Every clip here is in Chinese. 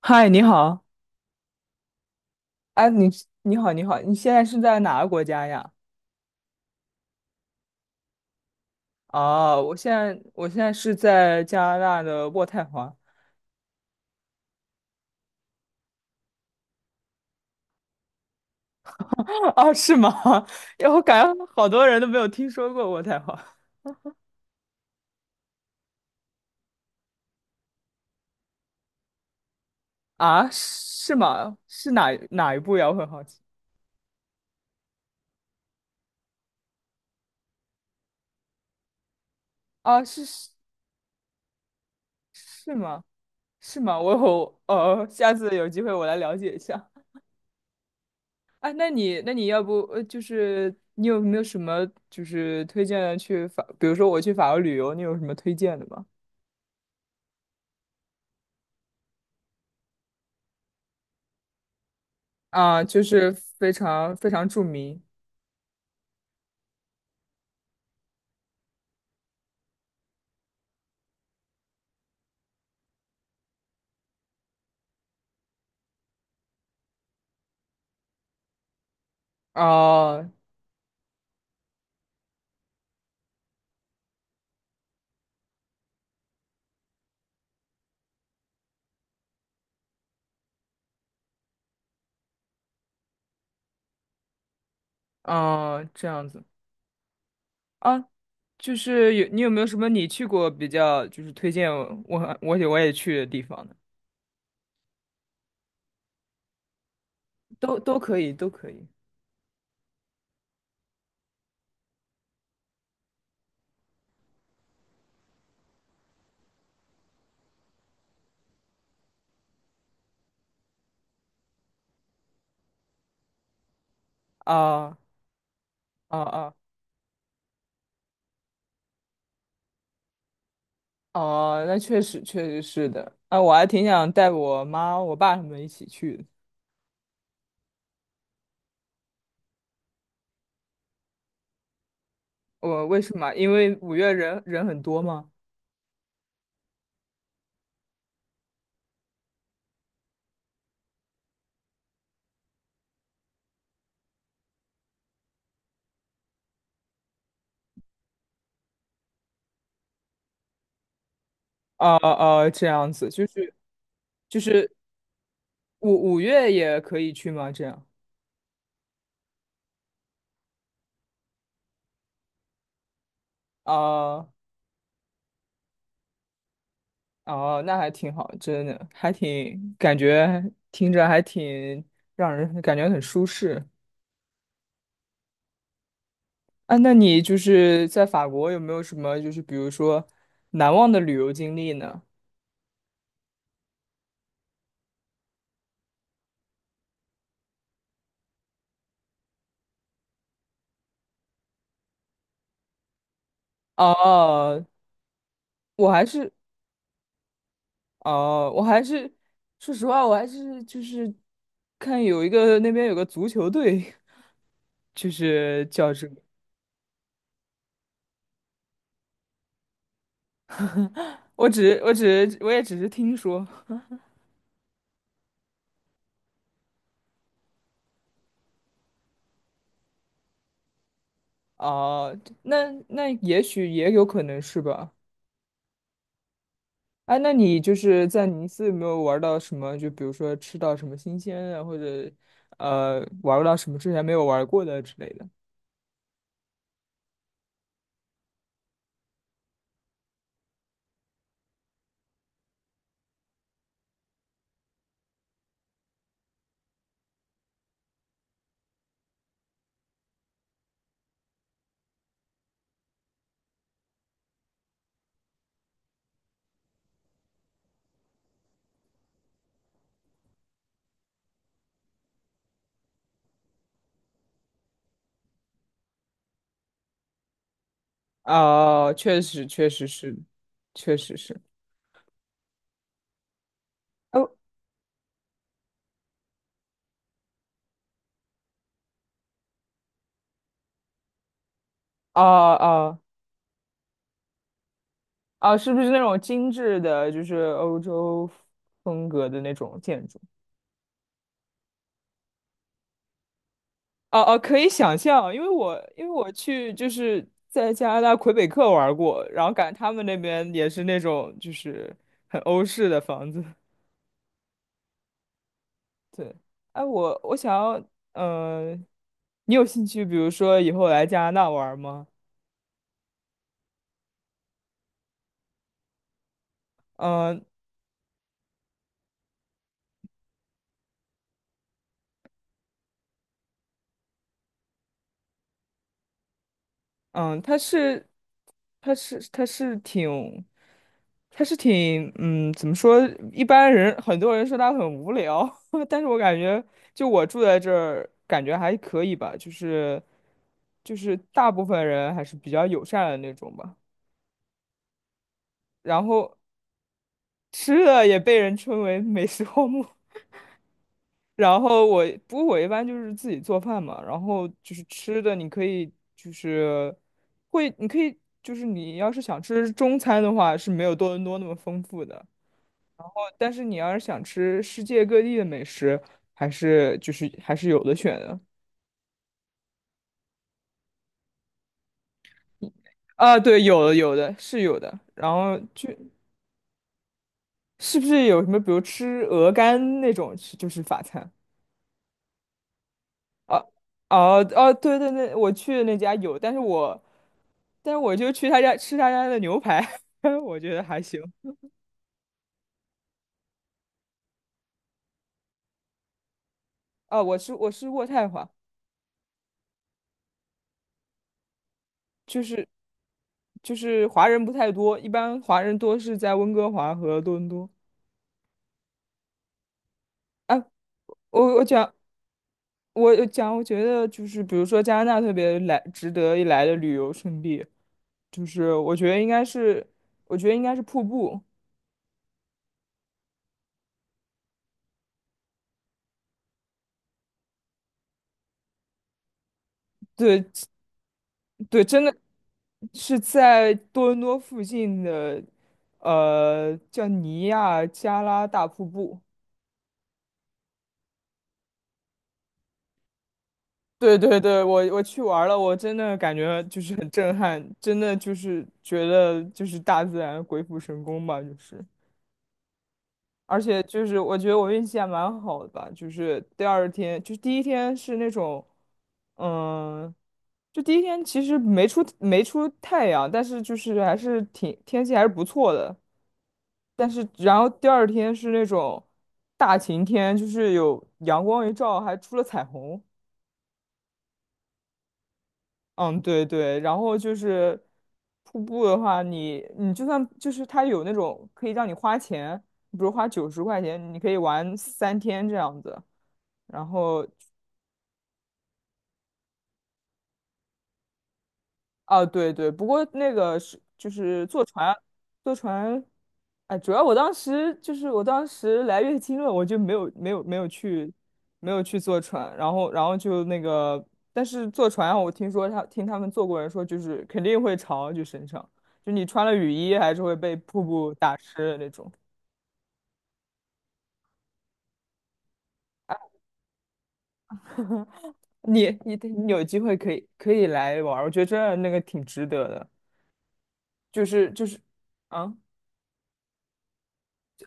嗨，你好，哎，你好，你好，你现在是在哪个国家呀？哦，我现在是在加拿大的渥太华。哦，是吗？哎，我感觉好多人都没有听说过渥太华。啊，是吗？是哪一部呀？我很好奇。啊，是是是吗？是吗？我哦，下次有机会我来了解一下。哎，那你要不就是你有没有什么就是推荐的去法，比如说我去法国旅游，你有什么推荐的吗？啊，就是非常非常著名。哦哦，这样子。啊，就是有你有没有什么你去过比较就是推荐我也我也去的地方呢？都可以，都可以。啊啊啊。哦，那确实是的啊，我还挺想带我妈我爸他们一起去的。我为什么？因为五月人人很多吗？啊啊，这样子就是就是五月也可以去吗？这样。啊。哦哦，那还挺好，真的，还挺感觉听着还挺让人感觉很舒适。啊，那你就是在法国有没有什么就是比如说难忘的旅游经历呢？哦，我还是哦，我还是说实话，我还是就是看有一个那边有个足球队，就是叫这个，我只是听说。哦，那也许也有可能是吧。哎，那你就是在尼斯有没有玩到什么？就比如说吃到什么新鲜的，或者玩到什么之前没有玩过的之类的？哦，确实，确实是，确实是。哦，哦哦哦，是不是那种精致的，就是欧洲风格的那种建筑？哦哦，可以想象，因为我去就是在加拿大魁北克玩过，然后感觉他们那边也是那种就是很欧式的房子。对，哎，我想要，呃，你有兴趣，比如说以后来加拿大玩儿吗？嗯嗯，他是，他是，他是挺，他是挺，怎么说？一般人很多人说他很无聊，但是我感觉，就我住在这儿，感觉还可以吧，就是大部分人还是比较友善的那种吧。然后吃的也被人称为美食荒漠。然后我，不过我一般就是自己做饭嘛，然后就是吃的，你可以就是会，你可以就是你要是想吃中餐的话，是没有多伦多那么丰富的，但是你要是想吃世界各地的美食，还是有的选的。啊，对，有的有的是有的，然后就是不是有什么，比如吃鹅肝那种，是就是法餐。啊，哦哦，对对对，我去的那家有，但是我就去他家吃他家的牛排，我觉得还行。啊，我吃渥太华，就是就是华人不太多，一般华人多是在温哥华和多伦多。啊，我我讲我讲，我觉得就是比如说加拿大特别来值得一来的旅游胜地，就是我觉得应该是瀑布。对，对，真的是在多伦多附近的，叫尼亚加拉大瀑布。对对对，我去玩儿了，我真的感觉就是很震撼，真的就是觉得就是大自然鬼斧神工吧，就是。而且就是我觉得我运气还蛮好的吧，就是第二天，就是第一天是那种，嗯，就第一天其实没出太阳，但是就是还是挺天气还是不错的，但是然后第二天是那种大晴天，就是有阳光一照，还出了彩虹。嗯，对对，然后就是瀑布的话你就算就是它有那种可以让你花钱，比如花90块钱，你可以玩3天这样子。然后啊，对对，不过那个是就是坐船，哎，主要我当时就是我当时来月经了，我就没有去坐船，然后就那个，但是坐船啊我听说他们坐过人说，就是肯定会潮，就身上，就你穿了雨衣还是会被瀑布打湿的那种。你有机会可以来玩儿我觉得真的那个挺值得的，就是啊。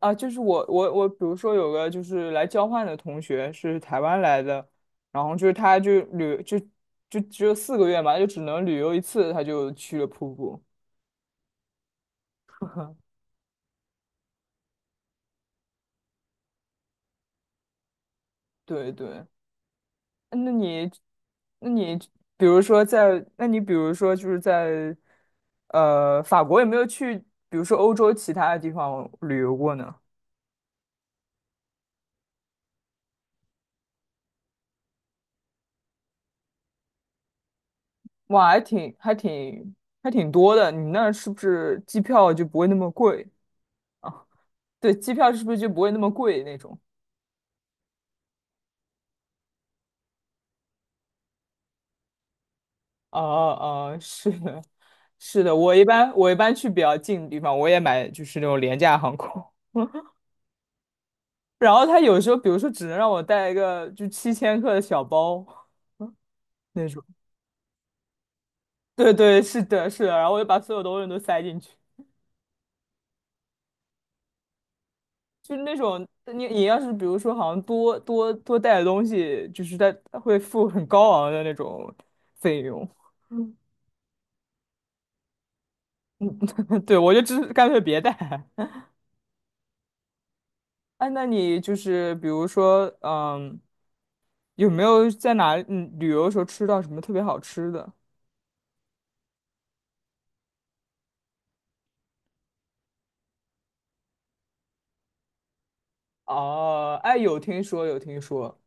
啊，就是我，比如说有个就是来交换的同学是台湾来的，然后就是他就旅就就只有4个月嘛，就只能旅游一次，他就去了瀑布。对对，那你那你比如说在那你比如说就是在法国有没有去比如说欧洲其他的地方旅游过呢？哇，还挺多的，你那儿是不是机票就不会那么贵啊？对，机票是不是就不会那么贵那种？哦哦，是的，是的，我一般去比较近的地方，我也买就是那种廉价航空，然后他有时候比如说只能让我带一个就7千克的小包那种，对对，是的，是的，然后我就把所有东西都塞进去，就是那种你要是比如说好像多带的东西，就是它它会付很高昂的那种费用，对，我就只干脆别带。哎，那你就是比如说，有没有在哪旅游的时候吃到什么特别好吃的？哦，哎，有听说，有听说。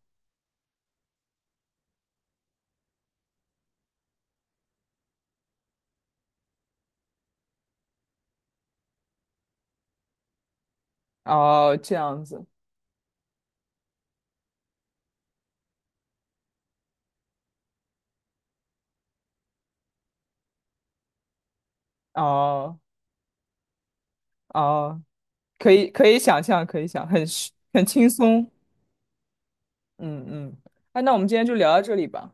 哦，这样子。哦哦，可以想象，可以想，很轻松。嗯嗯。哎，那我们今天就聊到这里吧，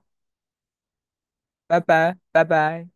拜拜，拜拜。